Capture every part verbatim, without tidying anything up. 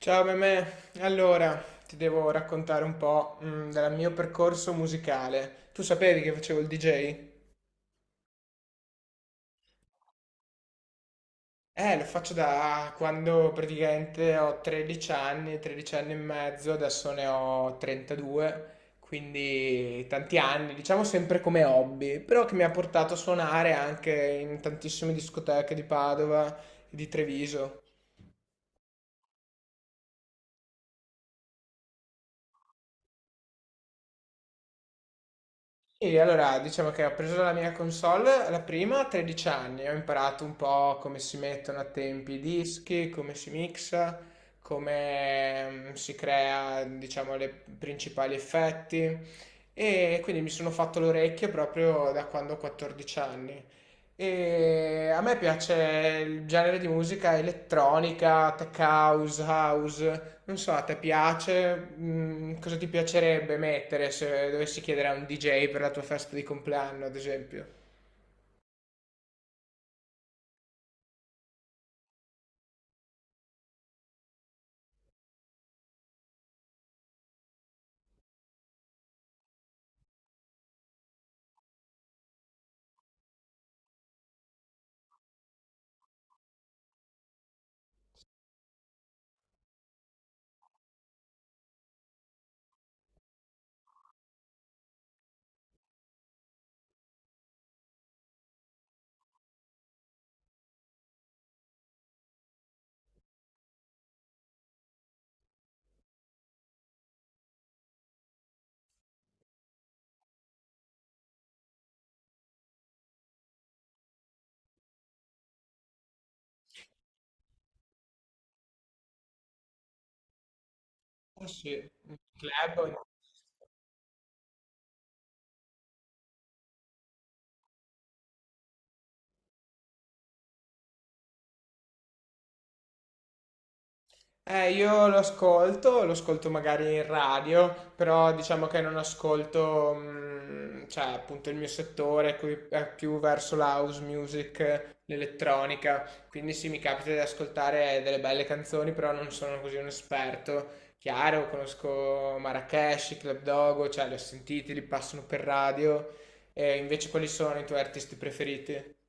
Ciao Mimè, allora ti devo raccontare un po' mm, del mio percorso musicale. Tu sapevi che facevo il D J? Eh, lo faccio da quando praticamente ho tredici anni, tredici anni e mezzo, adesso ne ho trentadue, quindi tanti anni, diciamo sempre come hobby, però che mi ha portato a suonare anche in tantissime discoteche di Padova e di Treviso. E allora, diciamo che ho preso la mia console, la prima a tredici anni, ho imparato un po' come si mettono a tempi i dischi, come si mixa, come mm, si crea, diciamo, i principali effetti, e quindi mi sono fatto l'orecchio proprio da quando ho quattordici anni. E a me piace il genere di musica elettronica, tech house, house. Non so, a te piace? Mm, cosa ti piacerebbe mettere se dovessi chiedere a un D J per la tua festa di compleanno, ad esempio? Ah, sì, un club o in... Eh, io lo ascolto, lo ascolto magari in radio, però diciamo che non ascolto, mm, cioè appunto il mio settore qui è più verso la house music, l'elettronica, quindi sì, mi capita di ascoltare delle belle canzoni, però non sono così un esperto. Chiaro, conosco Marrakesh, Club Dogo, cioè li ho sentiti, li passano per radio. E invece quali sono i tuoi artisti preferiti?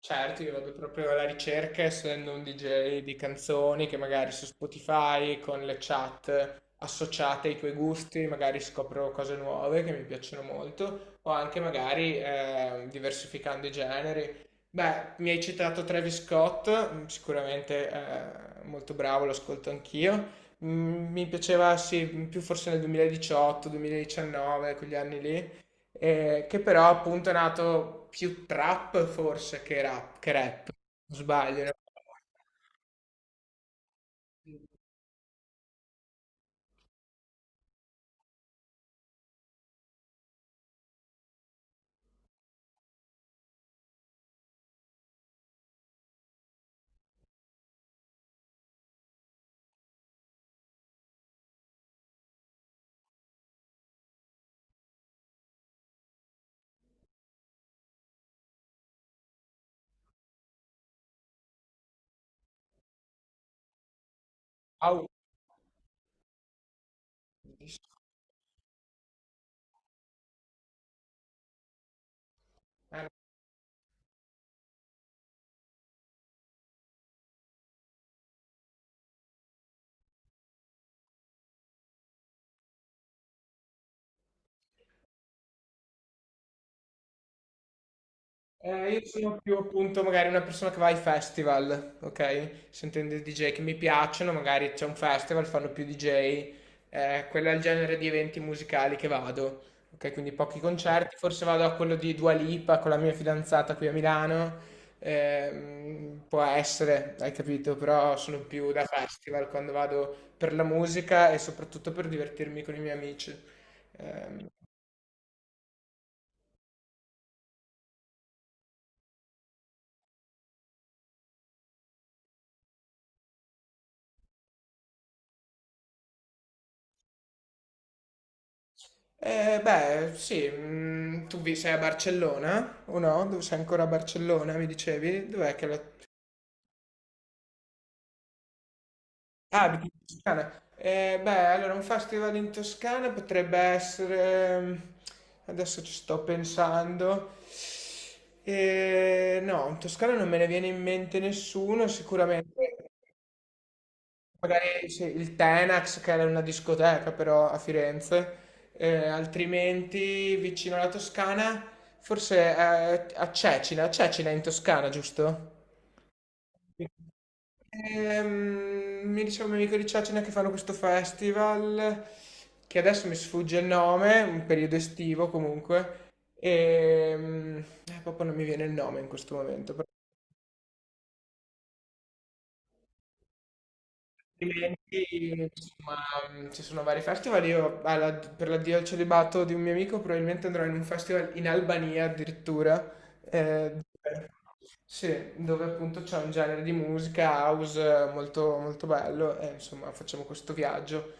Certo, io vado proprio alla ricerca, essendo un D J di canzoni che magari su Spotify con le chat associate ai tuoi gusti, magari scopro cose nuove che mi piacciono molto, o anche magari eh, diversificando i generi. Beh, mi hai citato Travis Scott, mm, sicuramente eh, molto bravo, lo ascolto anch'io. Mm, Mi piaceva, sì, più forse nel duemiladiciotto, duemiladiciannove, quegli anni lì, eh, che però appunto è nato più trap forse che rap, che rap. Non sbaglio, no? Au- Eh, io sono più appunto magari una persona che va ai festival, ok? Sentendo i D J che mi piacciono, magari c'è un festival, fanno più D J. Eh, quello è il genere di eventi musicali che vado, ok? Quindi pochi concerti, forse vado a quello di Dua Lipa con la mia fidanzata qui a Milano, ehm, può essere, hai capito? Però sono più da festival quando vado per la musica e soprattutto per divertirmi con i miei amici. Ehm, Eh, beh, sì, mm, tu vi sei a Barcellona o no? Dove sei ancora a Barcellona, mi dicevi? Dov'è che la... Ah, abiti in Toscana. Eh, beh, allora un festival in Toscana potrebbe essere... mm, Adesso ci sto pensando. Eh, no, in Toscana non me ne viene in mente nessuno, sicuramente. Magari sì, il Tenax, che era una discoteca però a Firenze. Eh, altrimenti vicino alla Toscana, forse eh, a Cecina, a Cecina è in Toscana, giusto? Sì. Ehm, mi diceva un mio amico di Cecina che fanno questo festival, che adesso mi sfugge il nome, un periodo estivo comunque, e proprio non mi viene il nome in questo momento. Altrimenti, insomma, mh, ci sono vari festival. Io alla- per l'addio al celibato di un mio amico probabilmente andrò in un festival in Albania addirittura. eh, dove- sì, dove appunto c'è un genere di musica house, eh, molto, molto bello e insomma facciamo questo viaggio.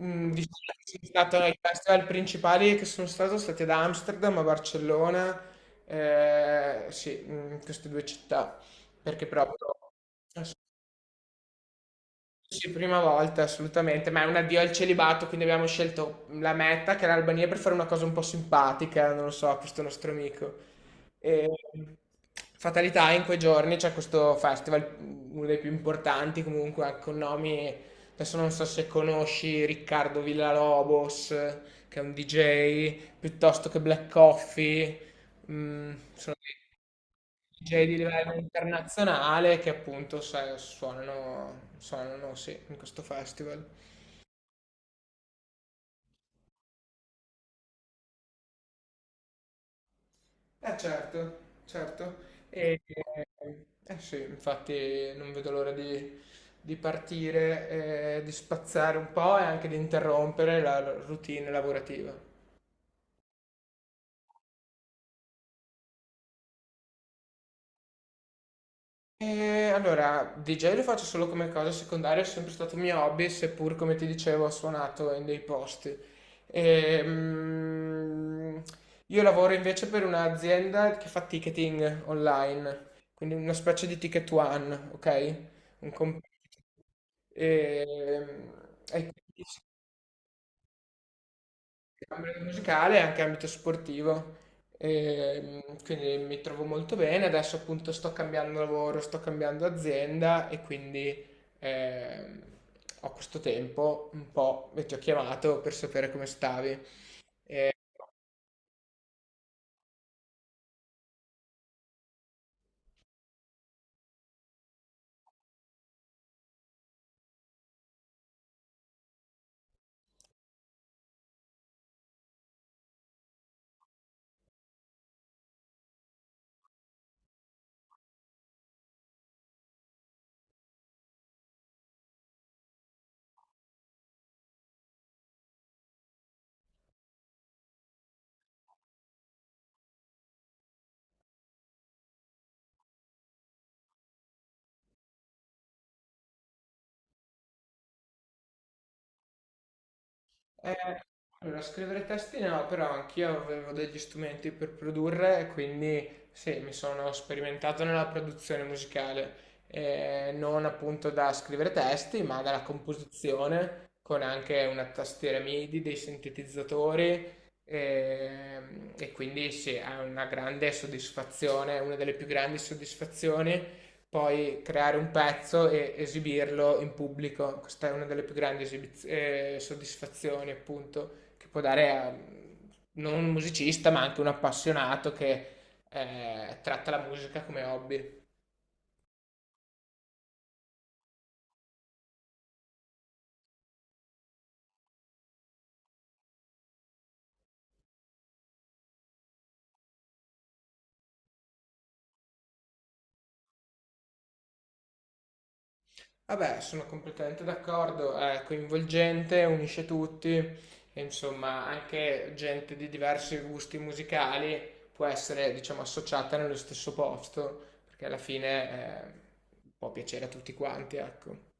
Mm, Diciamo che sono stato ai festival principali che sono stato stati ad Amsterdam, a Barcellona, eh, sì, in queste due città, perché proprio... Sì, prima volta assolutamente, ma è un addio al celibato, quindi abbiamo scelto la meta, che era l'Albania, per fare una cosa un po' simpatica, non lo so, a questo nostro amico. E, fatalità, in quei giorni c'è questo festival, uno dei più importanti comunque, anche con nomi, adesso non so se conosci Riccardo Villalobos, che è un D J, piuttosto che Black Coffee, mm, D J di livello internazionale che appunto sai, suonano, suonano sì, in questo festival. Eh certo, certo. E, eh sì, infatti non vedo l'ora di, di partire, eh, di spazzare un po' e anche di interrompere la routine lavorativa. Eh, allora, D J lo faccio solo come cosa secondaria, è sempre stato mio hobby, seppur come ti dicevo ho suonato in dei posti. Ehm, io lavoro invece per un'azienda che fa ticketing online, quindi una specie di ticket one, ok? Un comp- Ehm, E quindi ambito musicale e anche ambito sportivo. Ehm, quindi mi trovo molto bene. Adesso appunto sto cambiando lavoro, sto cambiando azienda e quindi ehm, ho questo tempo un po' e ti ho chiamato per sapere come stavi. Eh, allora, scrivere testi no, però anch'io avevo degli strumenti per produrre, e quindi sì, mi sono sperimentato nella produzione musicale. Eh, non appunto da scrivere testi, ma dalla composizione, con anche una tastiera MIDI, dei sintetizzatori, ehm, e quindi sì, è una grande soddisfazione, una delle più grandi soddisfazioni poi creare un pezzo e esibirlo in pubblico. Questa è una delle più grandi esibiz- eh, soddisfazioni, appunto, che può dare a non un musicista, ma anche un appassionato che eh, tratta la musica come hobby. Vabbè, sono completamente d'accordo, è coinvolgente, unisce tutti, e insomma, anche gente di diversi gusti musicali può essere, diciamo, associata nello stesso posto, perché alla fine eh, può piacere a tutti quanti, ecco.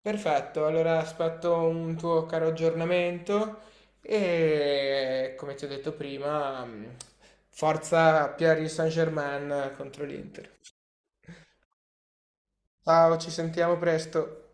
Perfetto, allora aspetto un tuo caro aggiornamento e come ti ho detto prima, mh, forza Paris Saint-Germain contro l'Inter. Ciao, ci sentiamo presto.